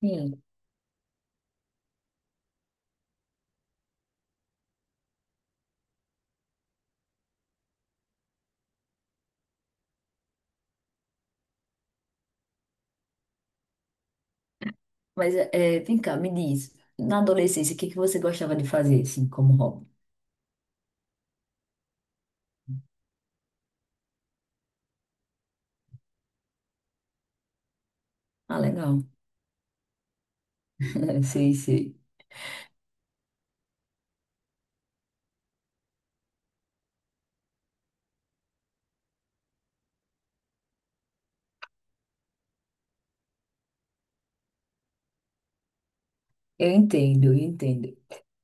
Sim, mas é, vem cá, me diz, na adolescência, o que que você gostava de fazer, assim, como hobby? Ah, legal. Sei, sei. Eu entendo.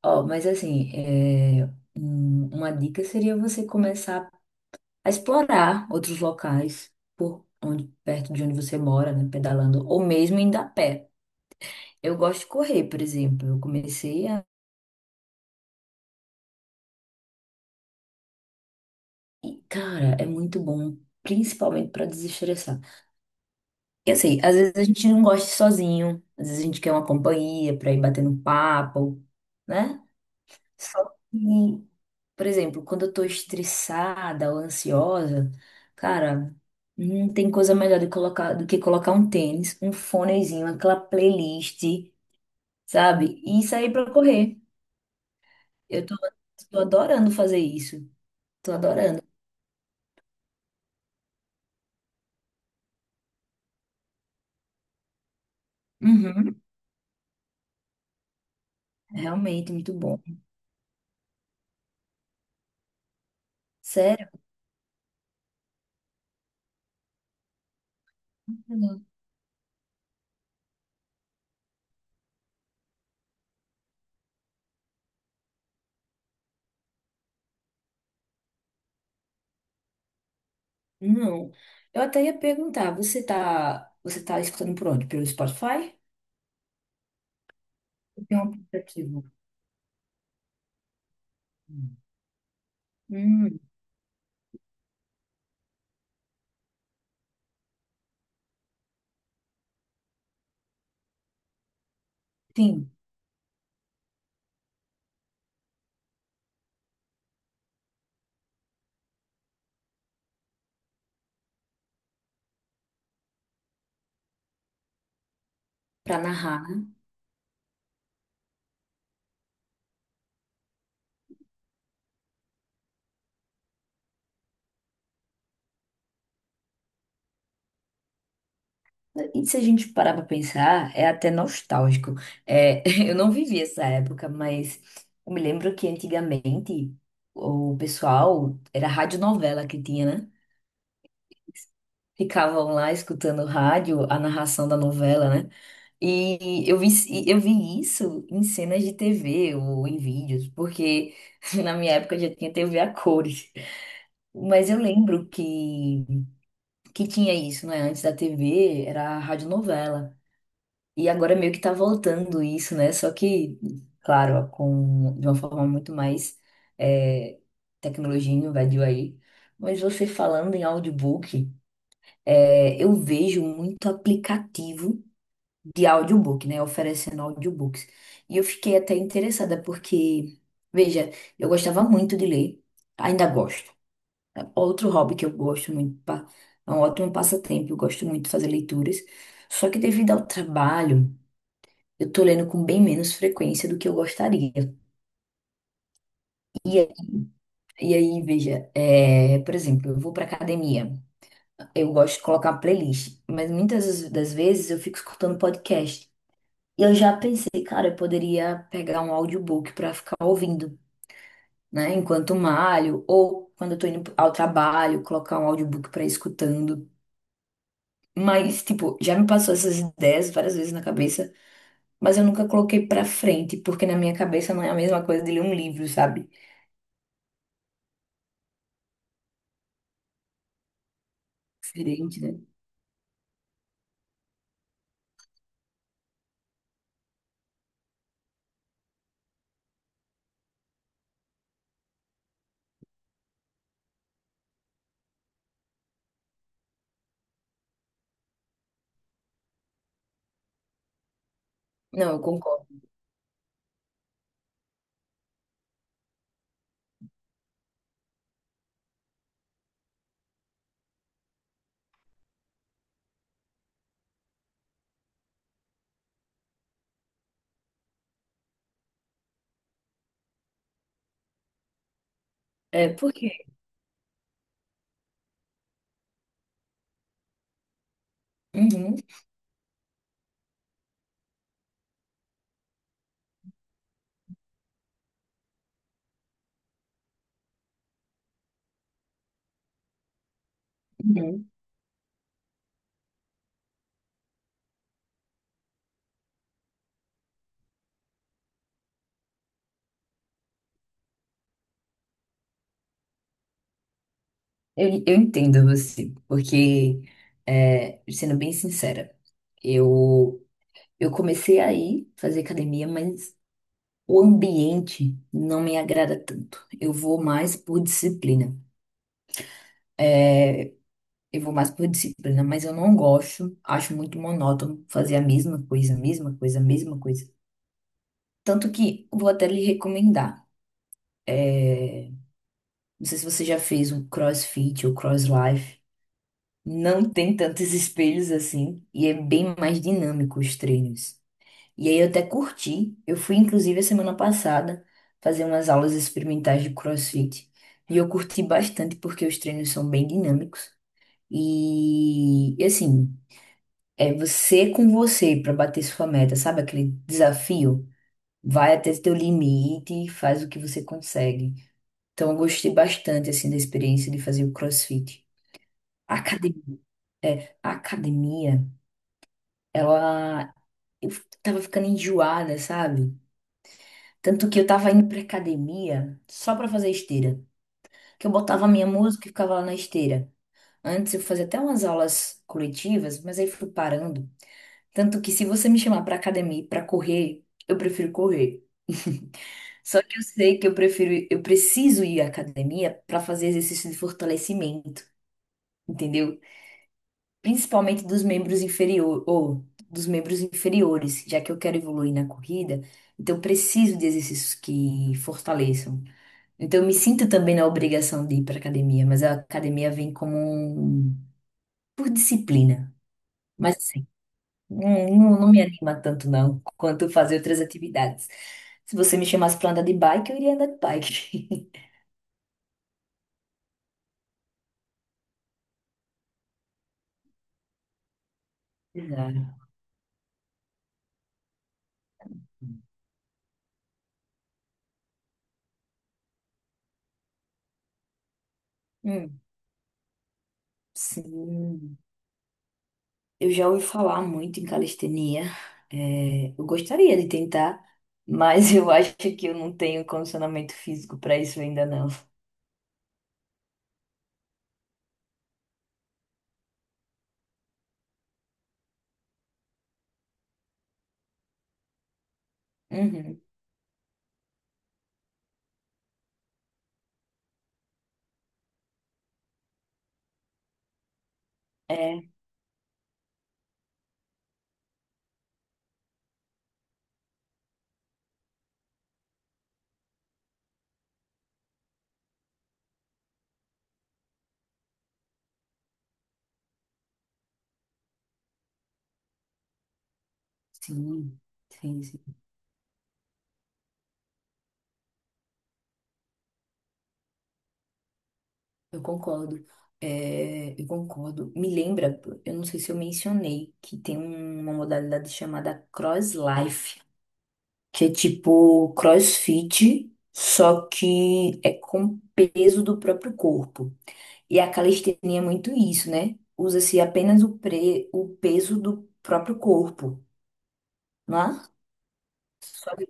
Ó, mas assim, é, uma dica seria você começar a explorar outros locais por onde, perto de onde você mora, né, pedalando, ou mesmo indo a pé. Eu gosto de correr, por exemplo. Eu comecei a... E, cara, é muito bom, principalmente para desestressar. Eu sei, às vezes a gente não gosta de ir sozinho, às vezes a gente quer uma companhia pra ir batendo papo, né? Só que, por exemplo, quando eu tô estressada ou ansiosa, cara, não tem coisa melhor do que colocar um tênis, um fonezinho, aquela playlist, sabe? E sair pra correr. Eu tô adorando fazer isso. Tô adorando. Uhum, é realmente muito bom. Sério? Não. Eu até ia perguntar, você tá escutando por onde? Pelo Spotify? Tem um aplicativo. Hum, sim, para narrar. E se a gente parar para pensar, é até nostálgico. É, eu não vivi essa época, mas eu me lembro que antigamente o pessoal era radionovela que tinha, né? Ficavam lá escutando rádio, a narração da novela, né? E eu vi isso em cenas de TV ou em vídeos, porque na minha época já tinha TV a cores. Mas eu lembro que tinha isso, não é? Antes da TV era a radionovela. E agora meio que tá voltando isso, né? Só que, claro, com, de uma forma muito mais é, tecnologia invadiu aí. Mas você falando em audiobook, é, eu vejo muito aplicativo de audiobook, né? Oferecendo audiobooks. E eu fiquei até interessada, porque, veja, eu gostava muito de ler, ainda gosto. É outro hobby que eu gosto muito, é um ótimo passatempo, eu gosto muito de fazer leituras. Só que devido ao trabalho, eu tô lendo com bem menos frequência do que eu gostaria. E, é- e aí, veja, é, por exemplo, eu vou pra academia, eu gosto de colocar playlist, mas muitas das vezes eu fico escutando podcast. Eu já pensei, cara, eu poderia pegar um audiobook pra ficar ouvindo, né? Enquanto malho, ou quando eu tô indo ao trabalho, colocar um audiobook pra ir escutando. Mas, tipo, já me passou essas ideias várias vezes na cabeça, mas eu nunca coloquei pra frente, porque na minha cabeça não é a mesma coisa de ler um livro, sabe? Diferente, né? Não, eu concordo. É, porque. Uhum, uhum. Eu entendo você, porque, é, sendo bem sincera, eu. Eu comecei a ir fazer academia, mas o ambiente não me agrada tanto. Eu vou mais por disciplina. Eu vou mais por disciplina, mas eu não gosto. Acho muito monótono fazer a mesma coisa, a mesma coisa, a mesma coisa. Tanto que eu vou até lhe recomendar. Não sei se você já fez um CrossFit ou CrossLife. Não tem tantos espelhos assim e é bem mais dinâmico os treinos. E aí eu até curti. Eu fui, inclusive, a semana passada fazer umas aulas experimentais de CrossFit. E eu curti bastante porque os treinos são bem dinâmicos. E assim, é você com você para bater sua meta, sabe? Aquele desafio. Vai até teu limite e faz o que você consegue. Então eu gostei bastante, assim, da experiência de fazer o CrossFit. A academia, é, a academia, ela... Eu tava ficando enjoada, sabe? Tanto que eu tava indo pra academia só pra fazer esteira. Que eu botava a minha música e ficava lá na esteira. Antes eu fazia até umas aulas coletivas, mas aí fui parando. Tanto que se você me chamar pra academia e pra correr, eu prefiro correr. Só que eu sei que eu prefiro, eu preciso ir à academia pra fazer exercício de fortalecimento, entendeu? Principalmente dos membros inferiores, ou dos membros inferiores, já que eu quero evoluir na corrida, então eu preciso de exercícios que fortaleçam. Então, eu me sinto também na obrigação de ir para academia, mas a academia vem como um... por disciplina. Mas assim, não, não me anima tanto não, quanto fazer outras atividades. Se você me chamasse para andar de bike, eu iria andar de bike. Exato. Hum, sim. Eu já ouvi falar muito em calistenia. É, eu gostaria de tentar, mas eu acho que eu não tenho condicionamento físico para isso ainda não. Uhum. É, sim, sim, sim. Eu concordo. É, eu concordo. Me lembra, eu não sei se eu mencionei, que tem uma modalidade chamada Cross Life, que é tipo CrossFit, só que é com peso do próprio corpo. E a calistenia é muito isso, né? Usa-se apenas o peso do próprio corpo, não é? Só que.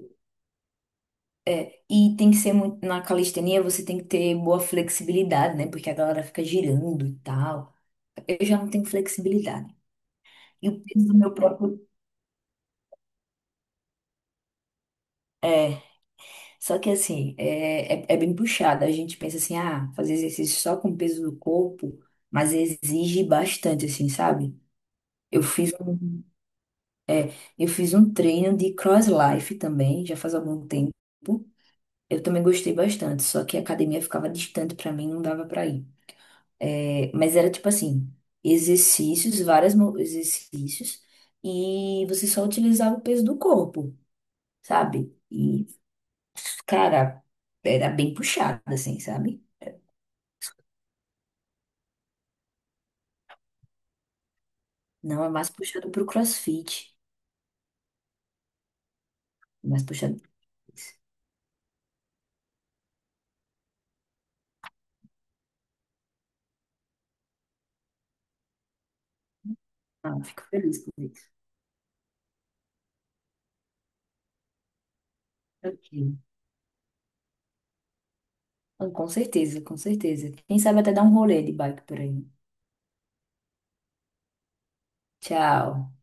E tem que ser muito. Na calistenia você tem que ter boa flexibilidade, né? Porque a galera fica girando e tal. Eu já não tenho flexibilidade. E o peso do meu próprio. É, só que assim, é bem puxado. A gente pensa assim, ah, fazer exercício só com o peso do corpo, mas exige bastante, assim, sabe? Eu fiz um, eu fiz um treino de cross life também, já faz algum tempo. Eu também gostei bastante, só que a academia ficava distante pra mim, não dava pra ir. É, mas era tipo assim, vários exercícios, e você só utilizava o peso do corpo, sabe? E cara, era bem puxado, assim, sabe? Não, é mais puxado pro CrossFit, é mais puxado pro isso. Ah, fico feliz com isso. Ok. Ah, com certeza, com certeza. Quem sabe até dar um rolê de bike por aí. Tchau.